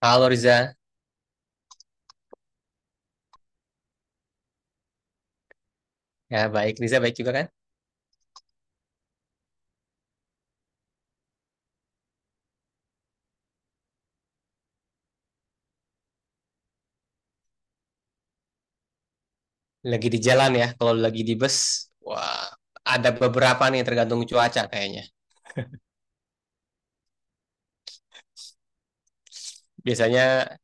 Halo Riza, ya baik. Riza baik juga kan? Lagi di jalan ya, kalau lagi di bus, wah ada beberapa nih tergantung cuaca kayaknya. Biasanya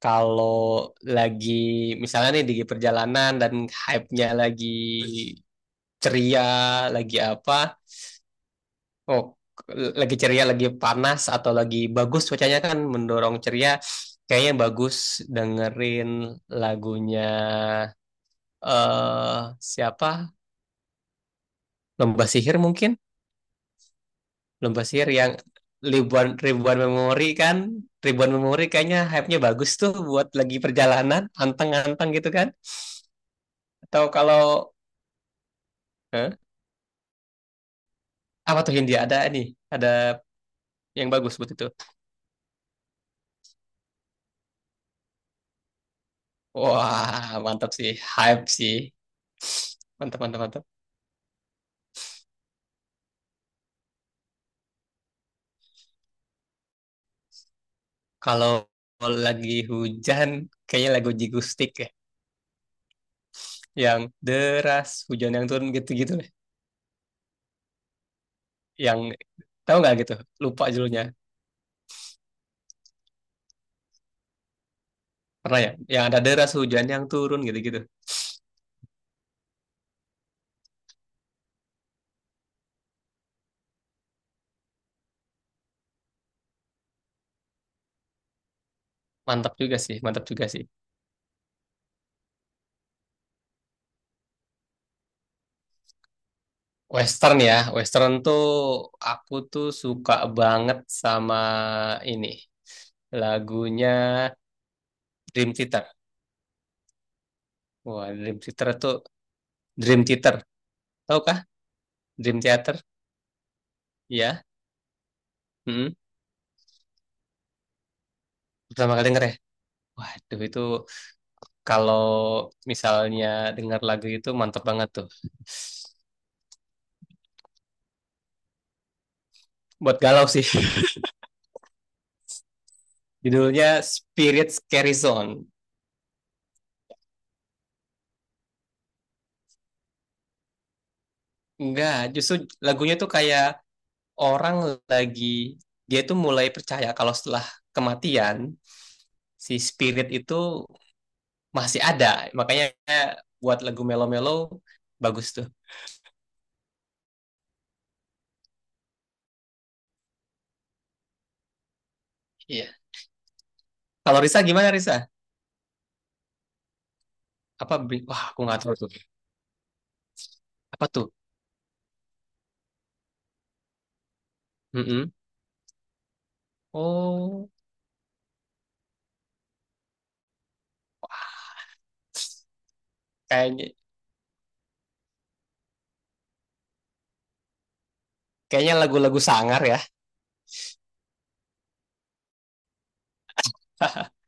kalau lagi misalnya nih di perjalanan dan hype-nya lagi ceria, lagi apa, oh k- lagi ceria, lagi panas atau lagi bagus cuacanya kan mendorong ceria, kayaknya bagus dengerin lagunya eh siapa? Lomba Sihir mungkin lomba sihir yang ribuan ribuan memori kan ribuan memori kayaknya hype-nya bagus tuh buat lagi perjalanan anteng-anteng gitu kan, atau kalau eh, apa tuh Hindia ada nih ada yang bagus buat itu. Wah mantap sih, hype sih, mantap mantap mantap. Kalau lagi hujan kayaknya lagu Jigustik ya, yang deras hujan yang turun gitu-gitu deh. Yang tahu nggak gitu, lupa judulnya. Pernah ya yang ada deras hujan yang turun gitu-gitu. Mantap juga sih, mantap juga sih. Western ya, Western tuh aku tuh suka banget sama ini lagunya Dream Theater. Wah, Dream Theater tuh, Dream Theater, tau kah? Dream Theater, ya. Mm-mm. Pertama kali denger ya. Waduh itu kalau misalnya denger lagu itu mantep banget tuh. Buat galau sih. Judulnya Spirit Scary Zone. Enggak, justru lagunya tuh kayak orang lagi, dia tuh mulai percaya kalau setelah kematian si spirit itu masih ada. Makanya buat lagu melo-melo bagus tuh. Iya. Kalau Risa gimana Risa? Wah, aku nggak tahu tuh. Apa tuh? Mm-mm. Oh, kayaknya kayaknya lagu-lagu sangar ya.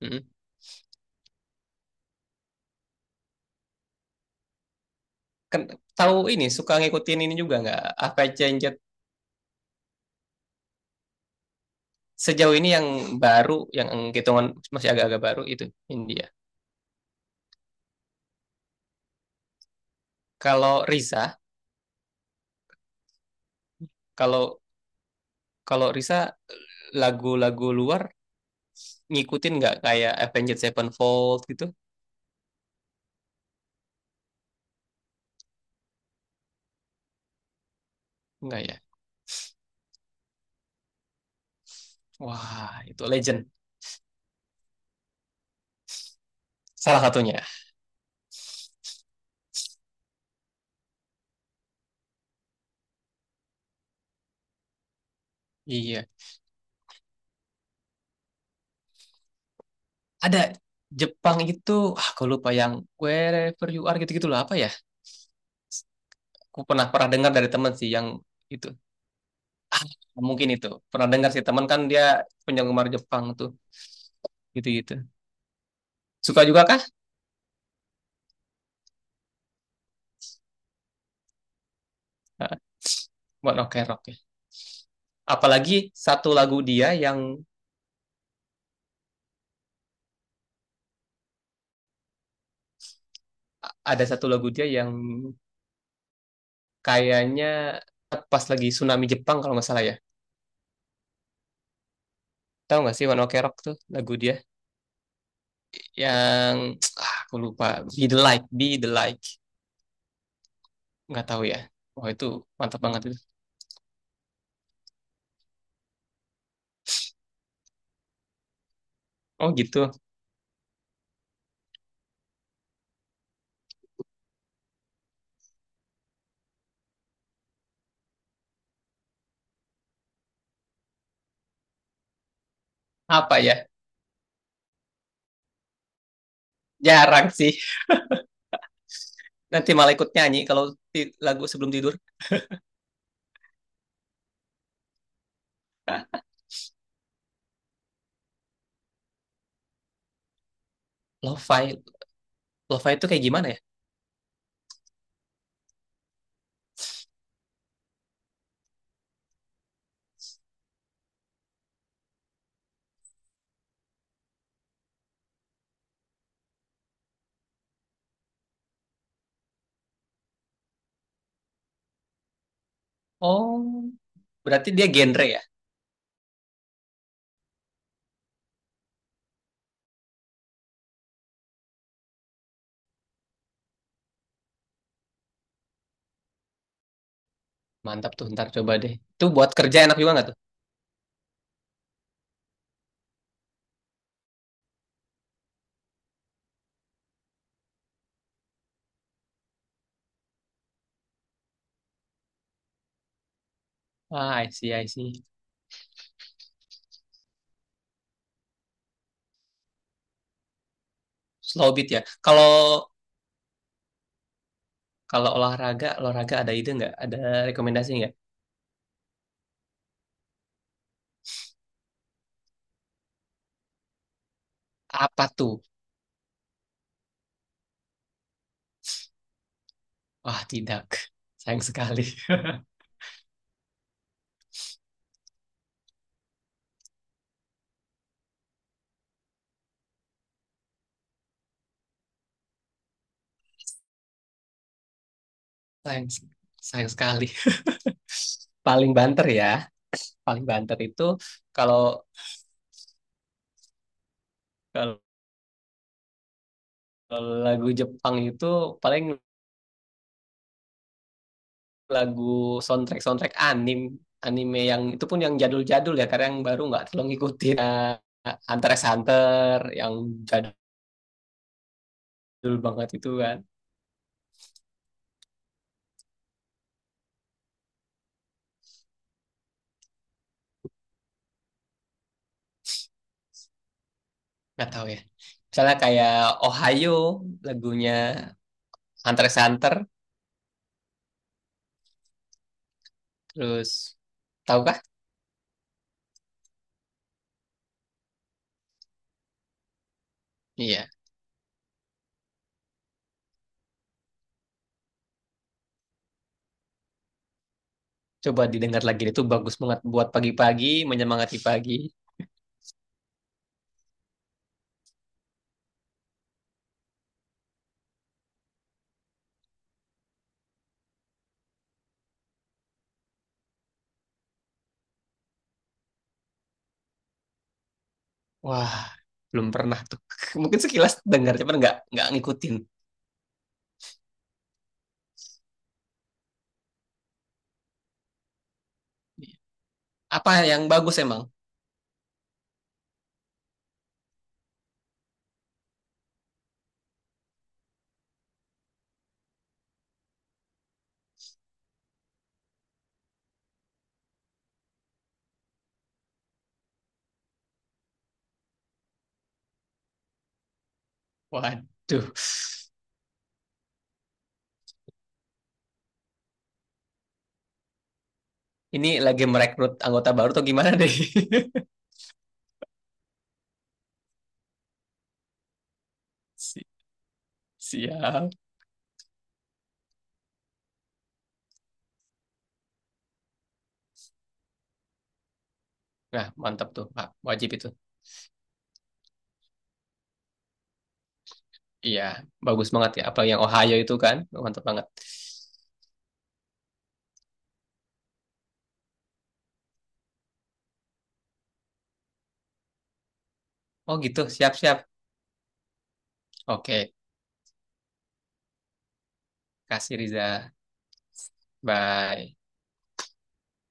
Mm-mm. Kan tahu ini, suka ngikutin ini juga nggak? Apa Cenjet, sejauh ini yang baru, yang hitungan masih agak-agak baru itu India. Kalau Risa, kalau kalau Risa lagu-lagu luar ngikutin nggak, kayak Avenged Sevenfold gitu? Nggak ya? Wah, itu legend. Salah satunya. Iya. Ada Jepang itu, aku lupa yang wherever you are gitu-gitu lah, apa ya? Aku pernah pernah dengar dari teman sih yang itu. Mungkin itu. Pernah dengar sih, teman kan dia penggemar Jepang tuh gitu-gitu. Suka juga kah? Ah, One Ok Rock ya. Apalagi satu lagu dia yang ada satu lagu dia yang kayaknya pas lagi tsunami Jepang kalau nggak salah ya. Tahu nggak sih One Ok Rock tuh lagu dia? Yang aku lupa, Be the Light Be the Light. Nggak tahu ya, wah itu mantap banget itu. Oh gitu, apa ya, jarang sih. Nanti malah ikut nyanyi kalau lagu sebelum tidur. Lo-fi lo-fi itu kayak gimana ya? Oh, berarti dia genre ya. Mantap tuh, ntar coba deh, itu buat kerja enak juga nggak tuh? I see, I see. Slow beat ya. Kalau kalau olahraga olahraga ada ide nggak, ada rekomendasi nggak, apa tuh? Wah tidak, sayang sekali. sayang sayang sekali Paling banter ya, paling banter itu kalau, kalau lagu Jepang itu paling lagu soundtrack soundtrack anime, anime yang itu pun yang jadul-jadul ya, karena yang baru nggak terlalu ngikutin. Eh, Hunter x Hunter yang jadul banget itu kan. Nggak tahu ya, misalnya kayak Ohio lagunya Hunter x Hunter, terus tahukah, iya, coba didengar lagi, itu bagus banget buat pagi-pagi menyemangati pagi. Wah, belum pernah tuh. Mungkin sekilas dengar, cuman nggak ngikutin. Apa yang bagus emang? Waduh, ini lagi merekrut anggota baru atau gimana deh? Si- Siap. Nah, mantap tuh. Pak. Wajib itu. Iya, bagus banget ya. Apa yang Ohio itu kan? Mantap banget. Oh gitu, siap-siap. Oke, kasih Riza. Bye.